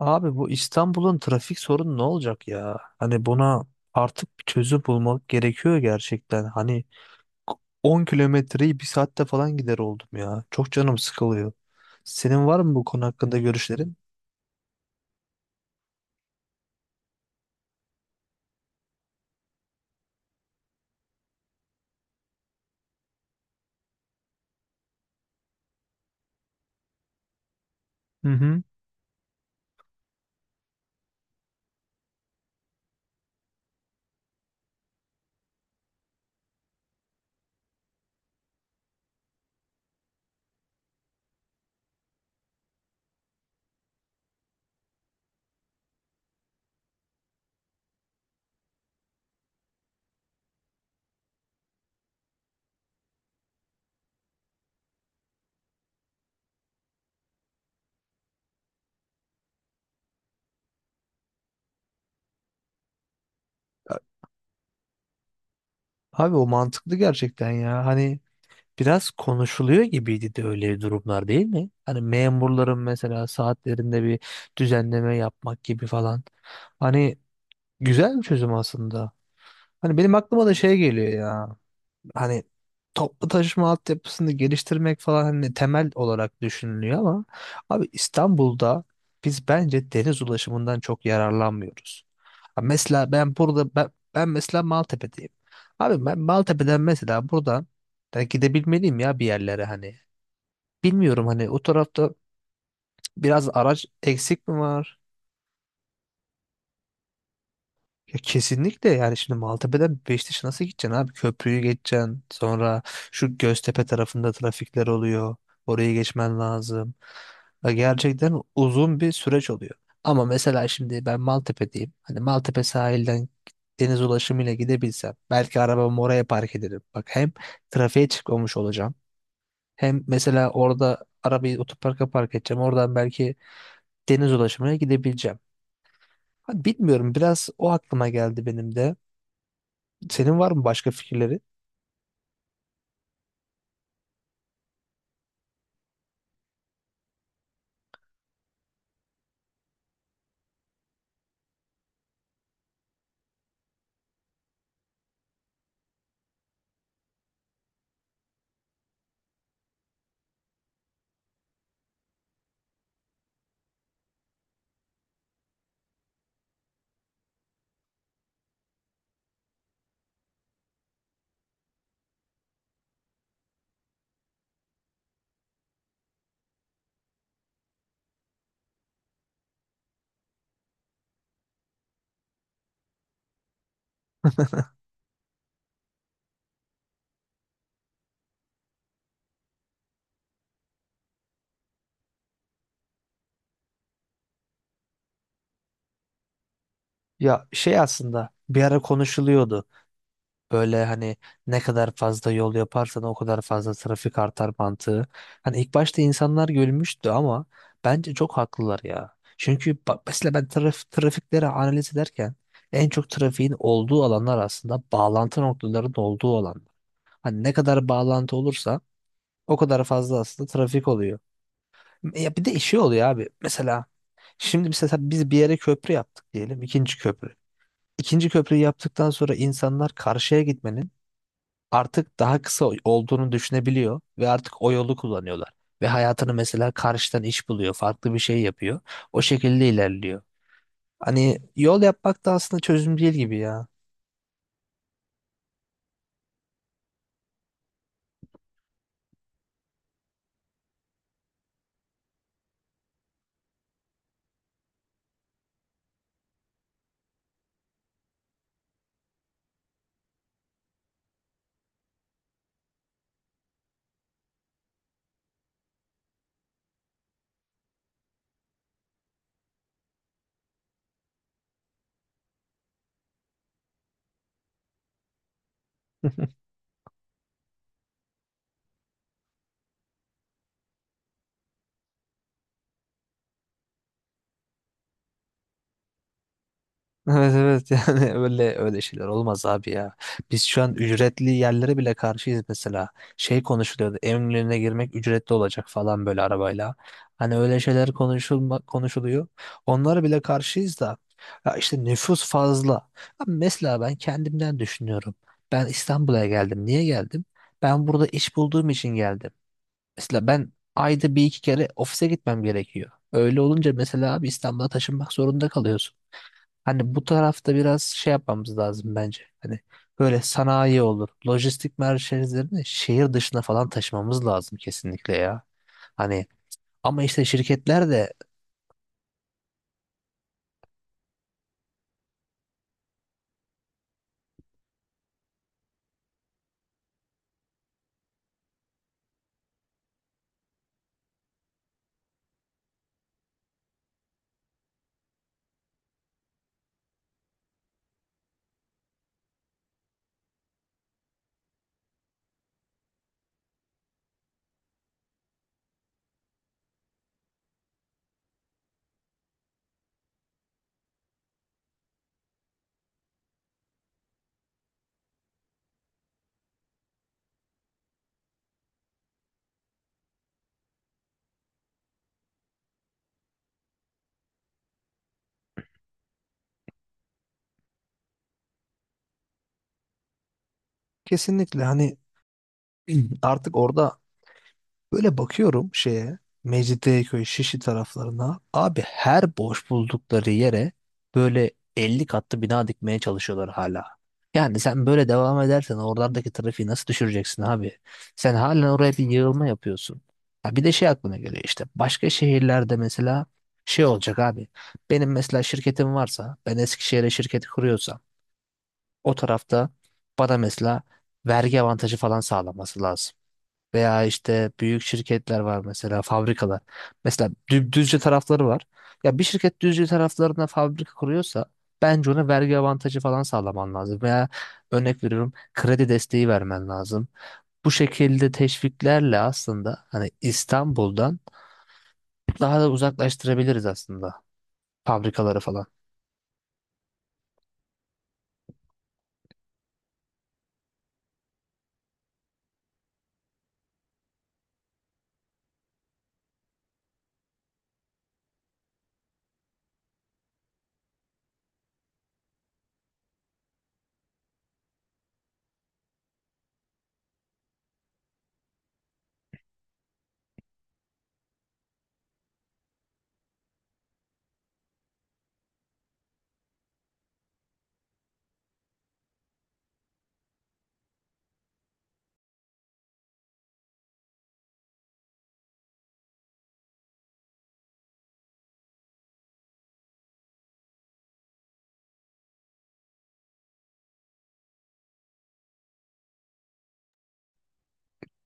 Abi bu İstanbul'un trafik sorunu ne olacak ya? Hani buna artık bir çözüm bulmak gerekiyor gerçekten. Hani 10 kilometreyi bir saatte falan gider oldum ya. Çok canım sıkılıyor. Senin var mı bu konu hakkında görüşlerin? Hı hı. Abi o mantıklı gerçekten ya. Hani biraz konuşuluyor gibiydi de öyle durumlar değil mi? Hani memurların mesela saatlerinde bir düzenleme yapmak gibi falan. Hani güzel bir çözüm aslında. Hani benim aklıma da şey geliyor ya. Hani toplu taşıma altyapısını geliştirmek falan hani temel olarak düşünülüyor ama abi İstanbul'da biz bence deniz ulaşımından çok yararlanmıyoruz. Ha mesela ben burada ben mesela Maltepe'deyim. Abi ben Maltepe'den mesela buradan da gidebilmeliyim ya bir yerlere hani. Bilmiyorum hani o tarafta biraz araç eksik mi var? Ya kesinlikle, yani şimdi Maltepe'den Beşiktaş'a nasıl gideceksin abi? Köprüyü geçeceksin. Sonra şu Göztepe tarafında trafikler oluyor. Orayı geçmen lazım. Ya gerçekten uzun bir süreç oluyor. Ama mesela şimdi ben Maltepe'deyim. Hani Maltepe sahilden deniz ulaşımıyla gidebilsem belki arabamı oraya park ederim. Bak hem trafiğe çıkmamış olacağım. Hem mesela orada arabayı otoparka park edeceğim. Oradan belki deniz ulaşımıyla gidebileceğim. Hani bilmiyorum, biraz o aklıma geldi benim de. Senin var mı başka fikirleri? Ya şey, aslında bir ara konuşuluyordu. Böyle hani ne kadar fazla yol yaparsan o kadar fazla trafik artar mantığı. Hani ilk başta insanlar gülmüştü ama bence çok haklılar ya. Çünkü mesela ben trafikleri analiz ederken en çok trafiğin olduğu alanlar aslında bağlantı noktalarının olduğu alanlar. Hani ne kadar bağlantı olursa o kadar fazla aslında trafik oluyor. Ya bir de işi oluyor abi. Mesela şimdi mesela biz bir yere köprü yaptık diyelim. İkinci köprü. İkinci köprüyü yaptıktan sonra insanlar karşıya gitmenin artık daha kısa olduğunu düşünebiliyor ve artık o yolu kullanıyorlar. Ve hayatını mesela karşıdan iş buluyor, farklı bir şey yapıyor. O şekilde ilerliyor. Hani yol yapmak da aslında çözüm değil gibi ya. Evet, evet, yani öyle öyle şeyler olmaz abi ya. Biz şu an ücretli yerlere bile karşıyız mesela. Şey konuşuluyordu. Eminönü'ne girmek ücretli olacak falan, böyle arabayla. Hani öyle şeyler konuşuluyor. Onlara bile karşıyız da. Ya işte nüfus fazla. Abi mesela ben kendimden düşünüyorum. Ben İstanbul'a geldim. Niye geldim? Ben burada iş bulduğum için geldim. Mesela ben ayda bir iki kere ofise gitmem gerekiyor. Öyle olunca mesela abi İstanbul'a taşınmak zorunda kalıyorsun. Hani bu tarafta biraz şey yapmamız lazım bence. Hani böyle sanayi olur, lojistik merkezlerini şehir dışına falan taşımamız lazım kesinlikle ya. Hani ama işte şirketler de kesinlikle hani artık orada böyle bakıyorum şeye, Mecidiyeköy, Şişli taraflarına. Abi her boş buldukları yere böyle 50 katlı bina dikmeye çalışıyorlar hala. Yani sen böyle devam edersen oralardaki trafiği nasıl düşüreceksin abi? Sen halen oraya bir yığılma yapıyorsun. Ha bir de şey aklıma geliyor işte. Başka şehirlerde mesela şey olacak abi. Benim mesela şirketim varsa, ben Eskişehir'e şirketi kuruyorsam o tarafta bana mesela vergi avantajı falan sağlanması lazım. Veya işte büyük şirketler var mesela, fabrikalar. Mesela Düzce tarafları var. Ya bir şirket Düzce taraflarına fabrika kuruyorsa bence ona vergi avantajı falan sağlaman lazım. Veya örnek veriyorum, kredi desteği vermen lazım. Bu şekilde teşviklerle aslında hani İstanbul'dan daha da uzaklaştırabiliriz aslında fabrikaları falan.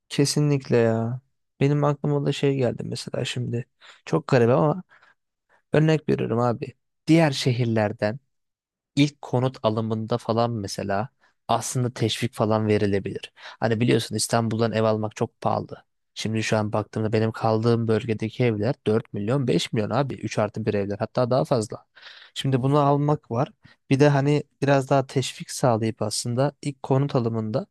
Kesinlikle ya. Benim aklıma da şey geldi mesela şimdi. Çok garip ama örnek veriyorum abi. Diğer şehirlerden İlk konut alımında falan mesela aslında teşvik falan verilebilir. Hani biliyorsun İstanbul'dan ev almak çok pahalı. Şimdi şu an baktığımda benim kaldığım bölgedeki evler 4 milyon 5 milyon abi, 3 artı bir evler, hatta daha fazla. Şimdi bunu almak var. Bir de hani biraz daha teşvik sağlayıp aslında ilk konut alımında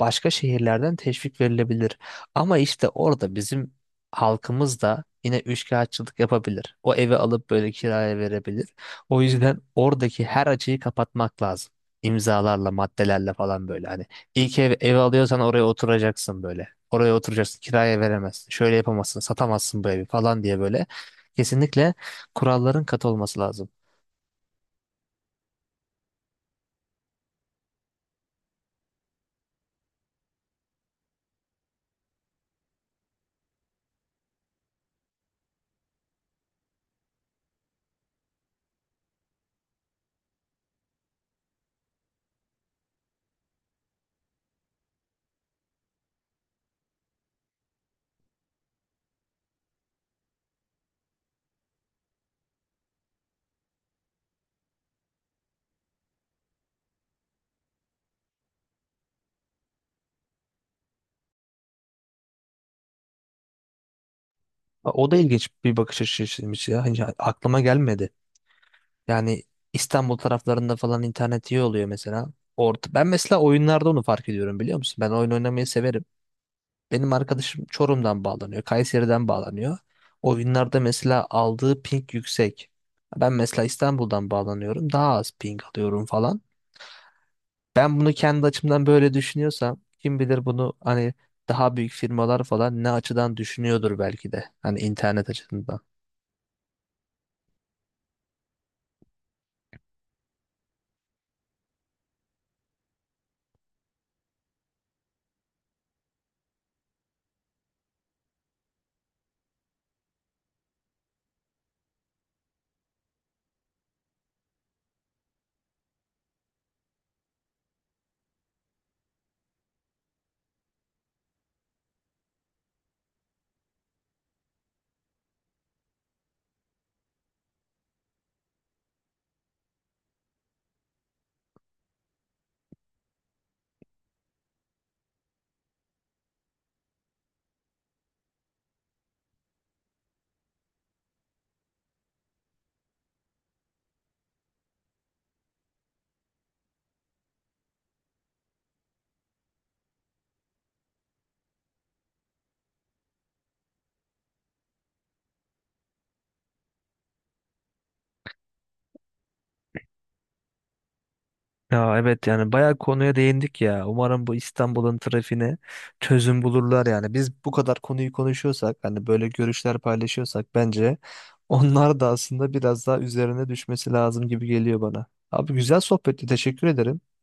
başka şehirlerden teşvik verilebilir. Ama işte orada bizim halkımız da yine üçkağıtçılık yapabilir. O evi alıp böyle kiraya verebilir. O yüzden oradaki her açığı kapatmak lazım. İmzalarla, maddelerle falan böyle. Hani ilk ev alıyorsan oraya oturacaksın böyle. Oraya oturacaksın, kiraya veremezsin. Şöyle yapamazsın, satamazsın bu evi falan diye böyle. Kesinlikle kuralların katı olması lazım. O da ilginç bir bakış açısıymış ya. Hiç aklıma gelmedi. Yani İstanbul taraflarında falan internet iyi oluyor mesela. Ben mesela oyunlarda onu fark ediyorum, biliyor musun? Ben oyun oynamayı severim. Benim arkadaşım Çorum'dan bağlanıyor, Kayseri'den bağlanıyor. Oyunlarda mesela aldığı ping yüksek. Ben mesela İstanbul'dan bağlanıyorum, daha az ping alıyorum falan. Ben bunu kendi açımdan böyle düşünüyorsam, kim bilir bunu hani daha büyük firmalar falan ne açıdan düşünüyordur belki de. Hani internet açısından. Ya evet, yani bayağı konuya değindik ya. Umarım bu İstanbul'un trafiğine çözüm bulurlar yani. Biz bu kadar konuyu konuşuyorsak, hani böyle görüşler paylaşıyorsak bence onlar da aslında biraz daha üzerine düşmesi lazım gibi geliyor bana. Abi güzel sohbetti. Teşekkür ederim.